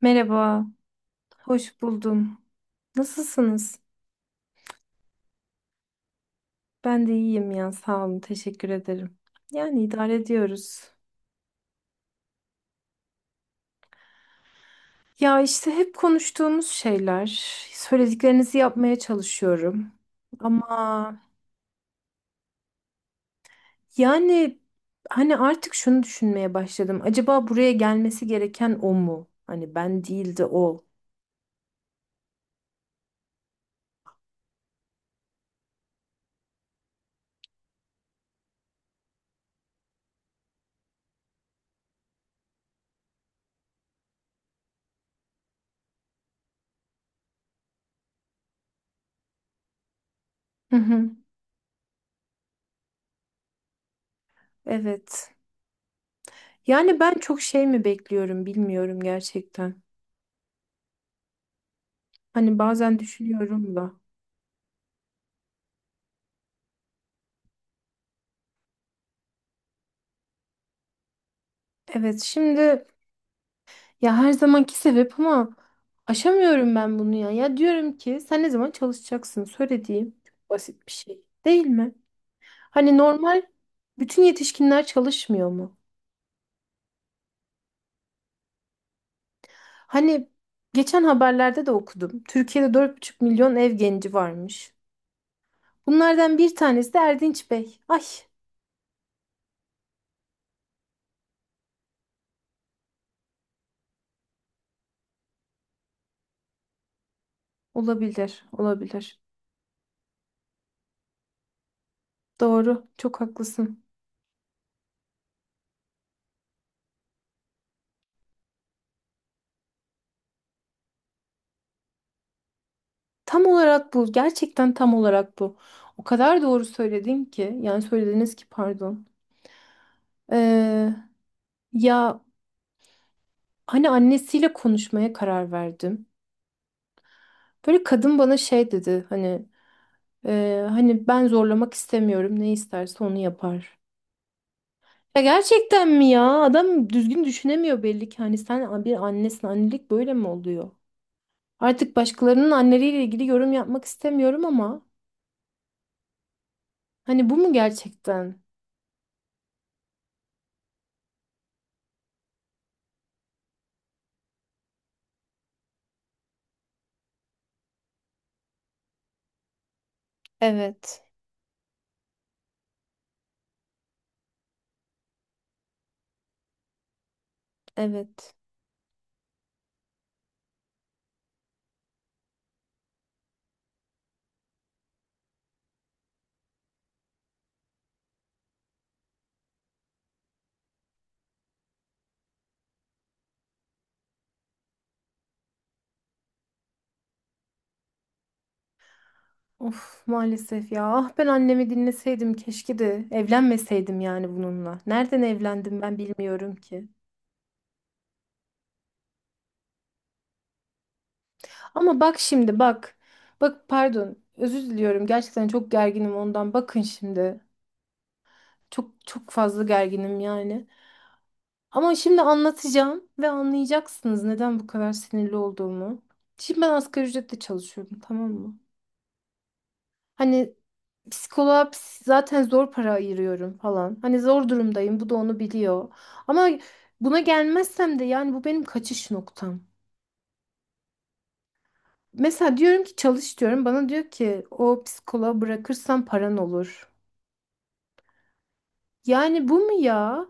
Merhaba, hoş buldum. Nasılsınız? Ben de iyiyim ya, sağ olun, teşekkür ederim. Yani idare ediyoruz. Ya işte hep konuştuğumuz şeyler, söylediklerinizi yapmaya çalışıyorum. Ama yani hani artık şunu düşünmeye başladım. Acaba buraya gelmesi gereken o mu? Hani ben değil de o. Hı hı. Evet. Yani ben çok şey mi bekliyorum bilmiyorum gerçekten. Hani bazen düşünüyorum da. Evet, şimdi. Ya her zamanki sebep ama aşamıyorum ben bunu ya. Ya diyorum ki sen ne zaman çalışacaksın? Söylediğim çok basit bir şey değil mi? Hani normal bütün yetişkinler çalışmıyor mu? Hani geçen haberlerde de okudum. Türkiye'de 4,5 milyon ev genci varmış. Bunlardan bir tanesi de Erdinç Bey. Ay, olabilir, olabilir. Doğru, çok haklısın. Tam olarak bu, gerçekten tam olarak bu. O kadar doğru söyledin ki, yani söylediniz ki pardon. Ee, Ya hani annesiyle konuşmaya karar verdim. Böyle kadın bana şey dedi hani, hani ben zorlamak istemiyorum, ne isterse onu yapar. Ya gerçekten mi ya? Adam düzgün düşünemiyor belli ki. Hani sen bir annesin, annelik böyle mi oluyor? Artık başkalarının anneleriyle ilgili yorum yapmak istemiyorum ama hani bu mu gerçekten? Evet, evet. Of maalesef ya. Ah ben annemi dinleseydim keşke de evlenmeseydim yani bununla. Nereden evlendim ben bilmiyorum ki. Ama bak şimdi bak. Bak pardon. Özür diliyorum. Gerçekten çok gerginim ondan. Bakın şimdi. Çok çok fazla gerginim yani. Ama şimdi anlatacağım ve anlayacaksınız neden bu kadar sinirli olduğumu. Şimdi ben asgari ücretle çalışıyorum, tamam mı? Hani psikoloğa zaten zor para ayırıyorum falan. Hani zor durumdayım. Bu da onu biliyor. Ama buna gelmezsem de yani bu benim kaçış noktam. Mesela diyorum ki çalış diyorum. Bana diyor ki o psikoloğa bırakırsan paran olur. Yani bu mu ya?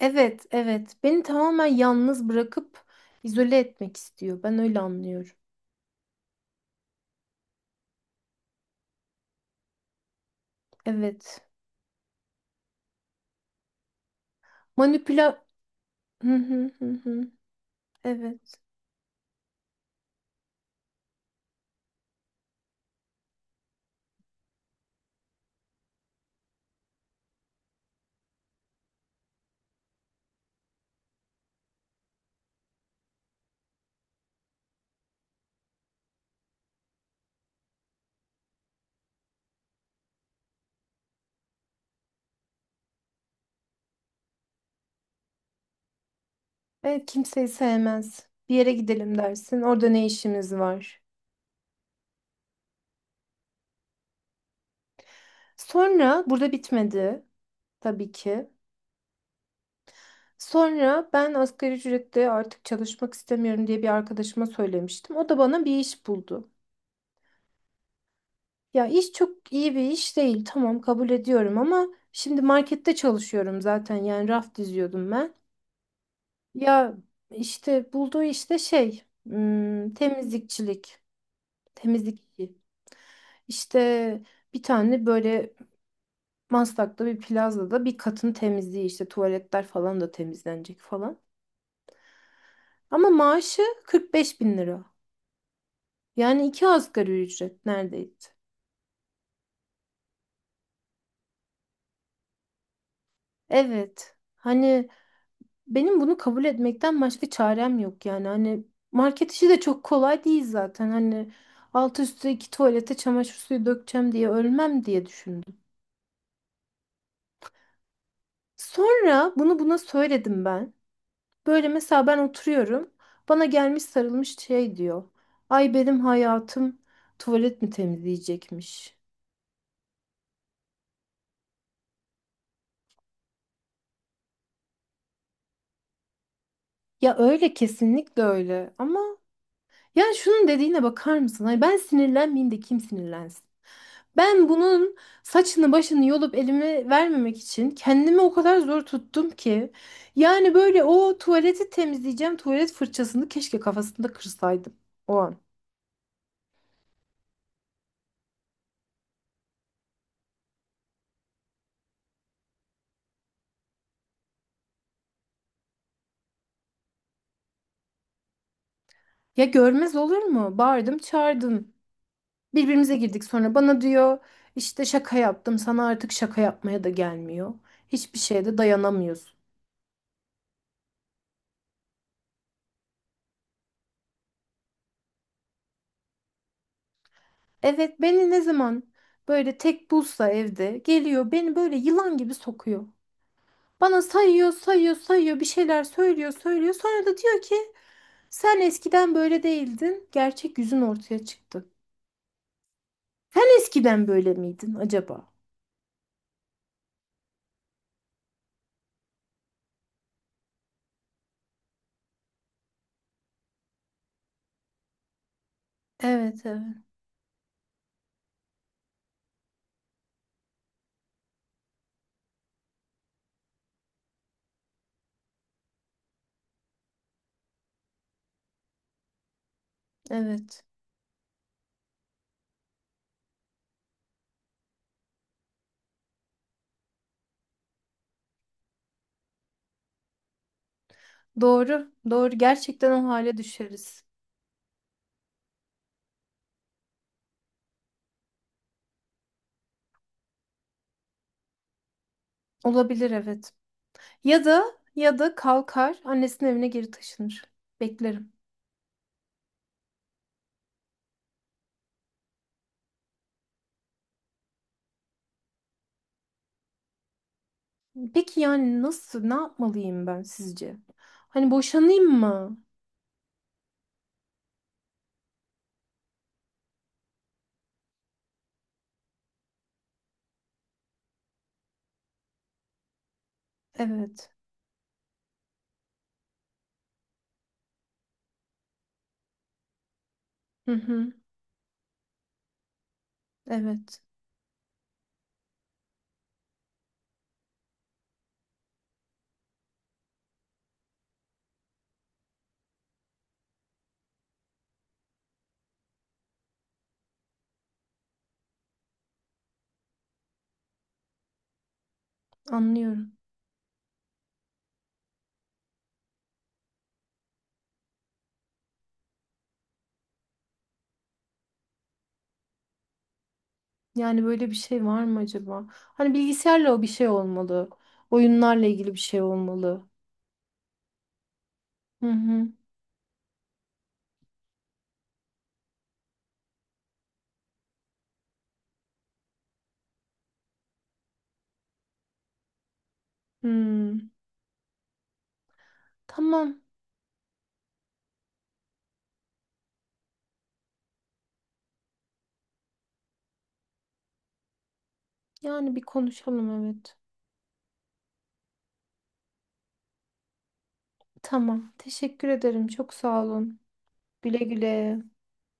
Evet, evet. Beni tamamen yalnız bırakıp izole etmek istiyor. Ben öyle anlıyorum. Evet. Manipüla... Hı hı hı hı. Evet. Evet, kimseyi sevmez. Bir yere gidelim dersin. Orada ne işimiz var? Sonra burada bitmedi tabii ki. Sonra ben asgari ücretle artık çalışmak istemiyorum diye bir arkadaşıma söylemiştim. O da bana bir iş buldu. Ya iş çok iyi bir iş değil. Tamam kabul ediyorum ama şimdi markette çalışıyorum zaten. Yani raf diziyordum ben. Ya işte bulduğu işte şey, temizlikçilik. Temizlikçi. İşte bir tane böyle Maslak'ta bir plazada bir katın temizliği, işte tuvaletler falan da temizlenecek falan. Ama maaşı 45 bin lira. Yani iki asgari ücret neredeyse. Evet. Hani benim bunu kabul etmekten başka çarem yok yani. Hani market işi de çok kolay değil zaten. Hani alt üstü iki tuvalete çamaşır suyu dökeceğim diye ölmem diye düşündüm. Sonra bunu buna söyledim ben. Böyle mesela ben oturuyorum. Bana gelmiş sarılmış şey diyor. Ay benim hayatım tuvalet mi temizleyecekmiş? Ya öyle kesinlikle öyle. Ama yani şunun dediğine bakar mısın? Ay ben sinirlenmeyeyim de kim sinirlensin? Ben bunun saçını başını yolup elime vermemek için kendimi o kadar zor tuttum ki. Yani böyle o tuvaleti temizleyeceğim, tuvalet fırçasını keşke kafasında kırsaydım o an. Ya görmez olur mu? Bağırdım çağırdım. Birbirimize girdik, sonra bana diyor işte şaka yaptım, sana artık şaka yapmaya da gelmiyor. Hiçbir şeye de dayanamıyorsun. Evet, beni ne zaman böyle tek bulsa evde geliyor, beni böyle yılan gibi sokuyor. Bana sayıyor, sayıyor, sayıyor, bir şeyler söylüyor, söylüyor. Sonra da diyor ki sen eskiden böyle değildin. Gerçek yüzün ortaya çıktı. Sen eskiden böyle miydin acaba? Evet, evet, evet. Doğru, doğru. Gerçekten o hale düşeriz. Olabilir, evet. Ya da kalkar, annesinin evine geri taşınır. Beklerim. Peki yani nasıl, ne yapmalıyım ben sizce? Hani boşanayım mı? Evet. Hı hı. Evet. Anlıyorum. Yani böyle bir şey var mı acaba? Hani bilgisayarla o bir şey olmalı. Oyunlarla ilgili bir şey olmalı. Hı hı. Hmm. Tamam. Yani bir konuşalım evet. Tamam. Teşekkür ederim. Çok sağ olun. Güle güle.